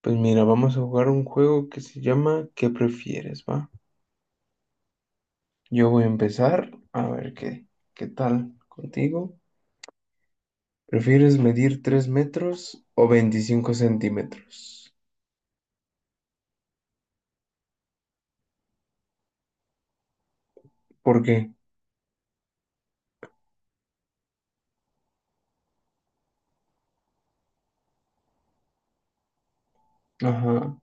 Pues mira, vamos a jugar un juego que se llama ¿Qué prefieres, va? Yo voy a empezar a ver qué, qué tal contigo. ¿Prefieres medir 3 metros o 25 centímetros? ¿Por qué? Ajá,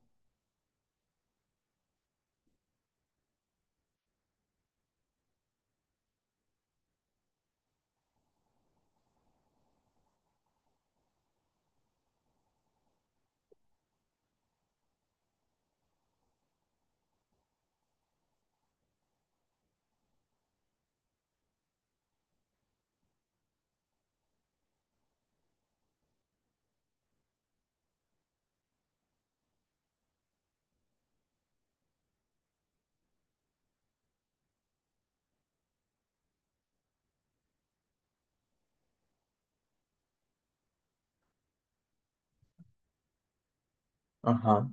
ajá.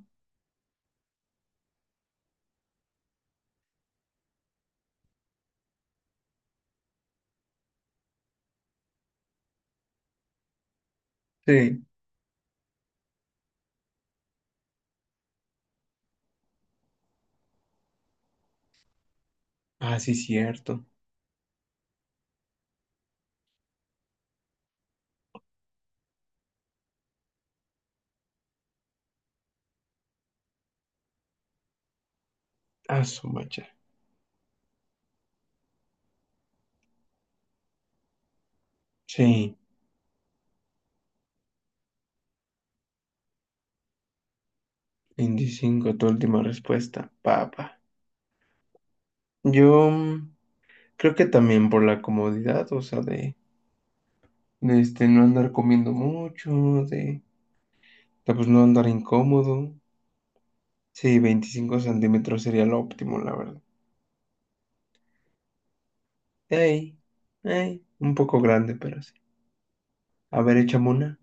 Sí. Ah, sí, cierto. Ah, su macha. Sí, 25. Tu última respuesta, papá. Yo creo que también por la comodidad, o sea, de, este, no andar comiendo mucho, de, pues no andar incómodo. Sí, 25 centímetros sería lo óptimo, la verdad. Ey, ey, un poco grande, pero sí. A ver, échame una.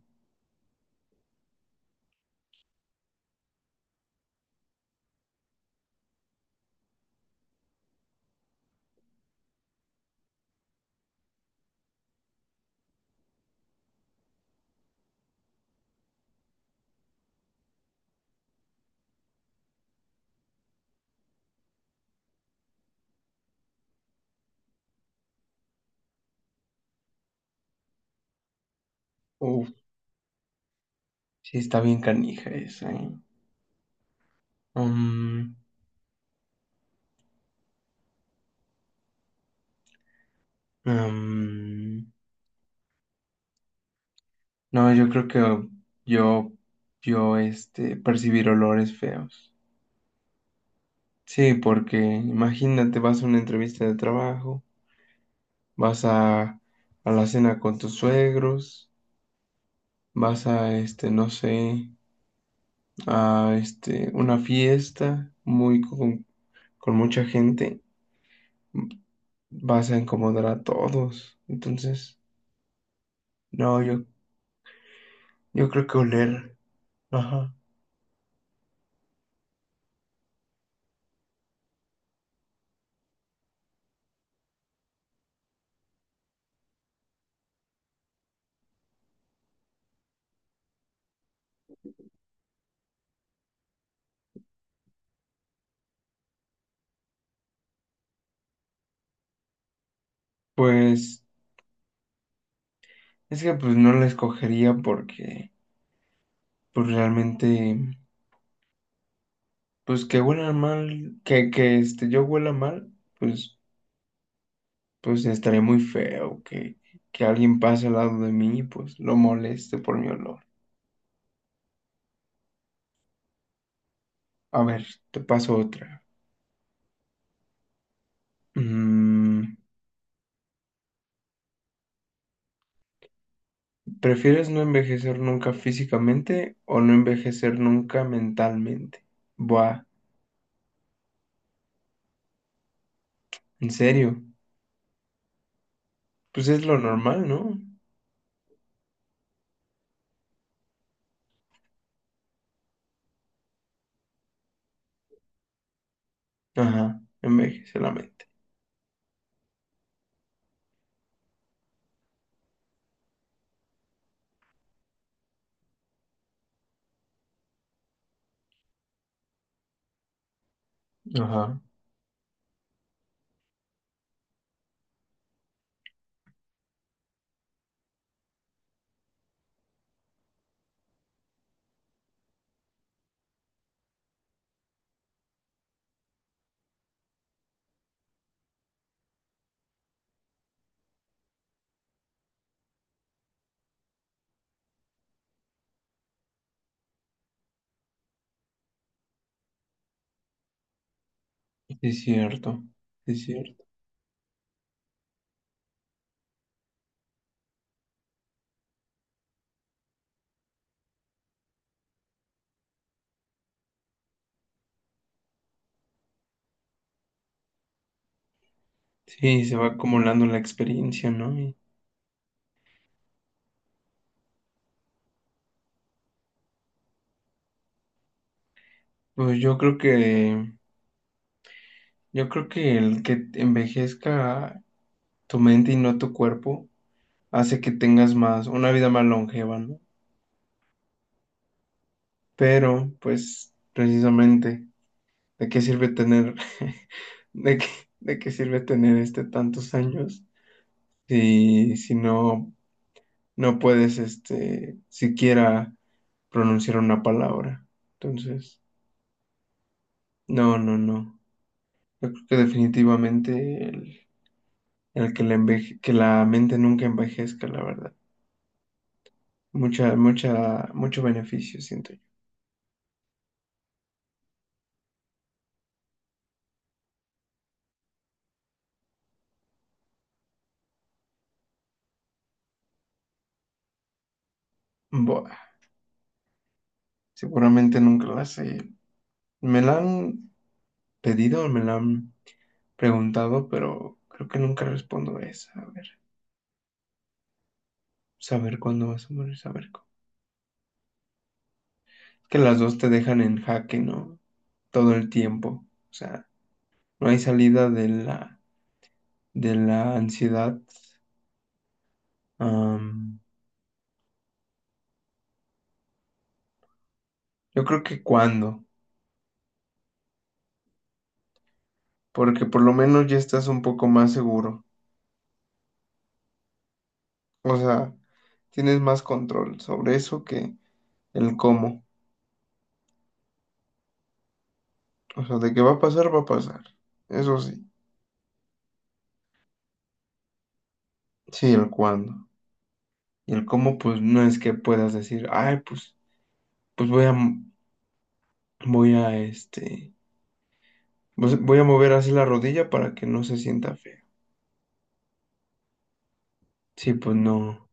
Uf, sí está bien canija esa, ¿eh? Um, um, no, yo creo que yo, yo, este, percibir olores feos. Sí, porque imagínate, vas a una entrevista de trabajo, vas a la cena con tus suegros, vas a, este, no sé, a, este, una fiesta muy con mucha gente vas a incomodar a todos. Entonces, no, yo, creo que oler, ajá. Pues es que pues no la escogería porque pues realmente pues que huela mal, que este yo huela mal, pues pues estaría muy feo que alguien pase al lado de mí y pues lo moleste por mi olor. A ver, te paso otra. Mm, ¿Prefieres no envejecer nunca físicamente o no envejecer nunca mentalmente? Buah, ¿en serio? Pues es lo normal, ¿no? Ajá, envejece la mente. Ajá, sí es cierto, sí es cierto. Sí, se va acumulando la experiencia, ¿no? Y, pues yo creo que el que envejezca tu mente y no tu cuerpo hace que tengas más, una vida más longeva, ¿no? Pero, pues, precisamente. ¿De qué sirve tener, de qué, de qué sirve tener este tantos años si, no, no puedes este siquiera pronunciar una palabra? Entonces, no, no, no. Yo creo que definitivamente el que que la mente nunca envejezca, la verdad. Mucha, mucha, mucho beneficio, siento yo. Buah, seguramente nunca la sé. Me la han pedido, me la han preguntado, pero creo que nunca respondo esa. A ver. Saber cuándo vas a morir, saber cómo. Que las dos te dejan en jaque, ¿no? Todo el tiempo. O sea, no hay salida de la, ansiedad. Am, yo creo que cuándo, porque por lo menos ya estás un poco más seguro. O sea, tienes más control sobre eso que el cómo. O sea, de que va a pasar, va a pasar. Eso sí. Sí, el cuándo. Y el cómo, pues no es que puedas decir, ay, pues, pues voy a este pues voy a mover así la rodilla para que no se sienta feo. Sí, pues no.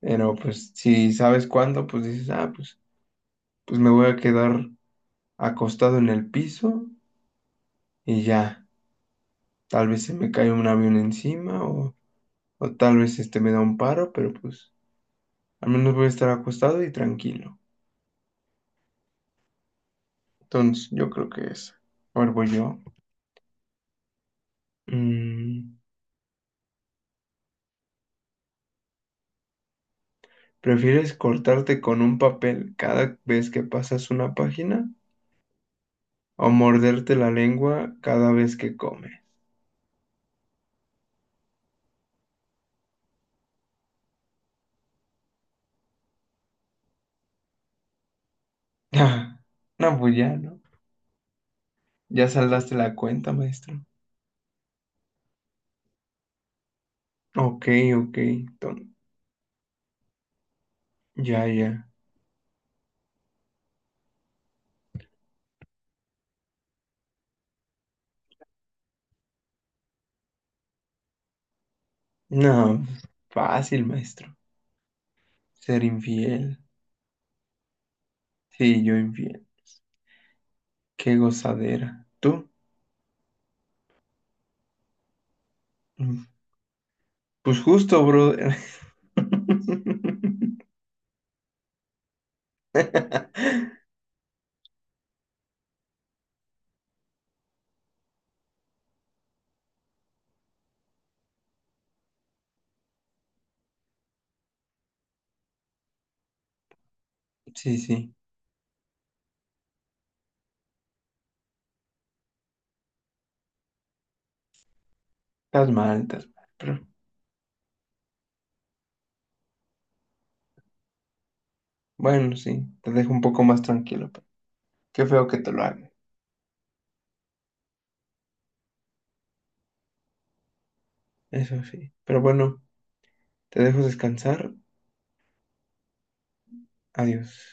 Pero pues si sabes cuándo, pues dices, ah, pues me voy a quedar acostado en el piso y ya. Tal vez se me cae un avión encima o tal vez este me da un paro, pero pues al menos voy a estar acostado y tranquilo. Entonces, yo creo que es. Ahora voy yo. Mm, ¿Prefieres cortarte con un papel cada vez que pasas una página o morderte la lengua cada vez que comes? Ah, no, pues ya, ¿no? Ya saldaste la cuenta, maestro. Ok, ok. ton- ya, ya. No, pues, fácil, maestro. Ser infiel. Sí, yo infiel. Qué gozadera. ¿Tú? Mm, Pues justo, brother. Sí, sí. Estás mal, estás mal. Pero bueno, sí. Te dejo un poco más tranquilo. Pero qué feo que te lo hagan. Eso sí. Pero bueno, te dejo descansar. Adiós.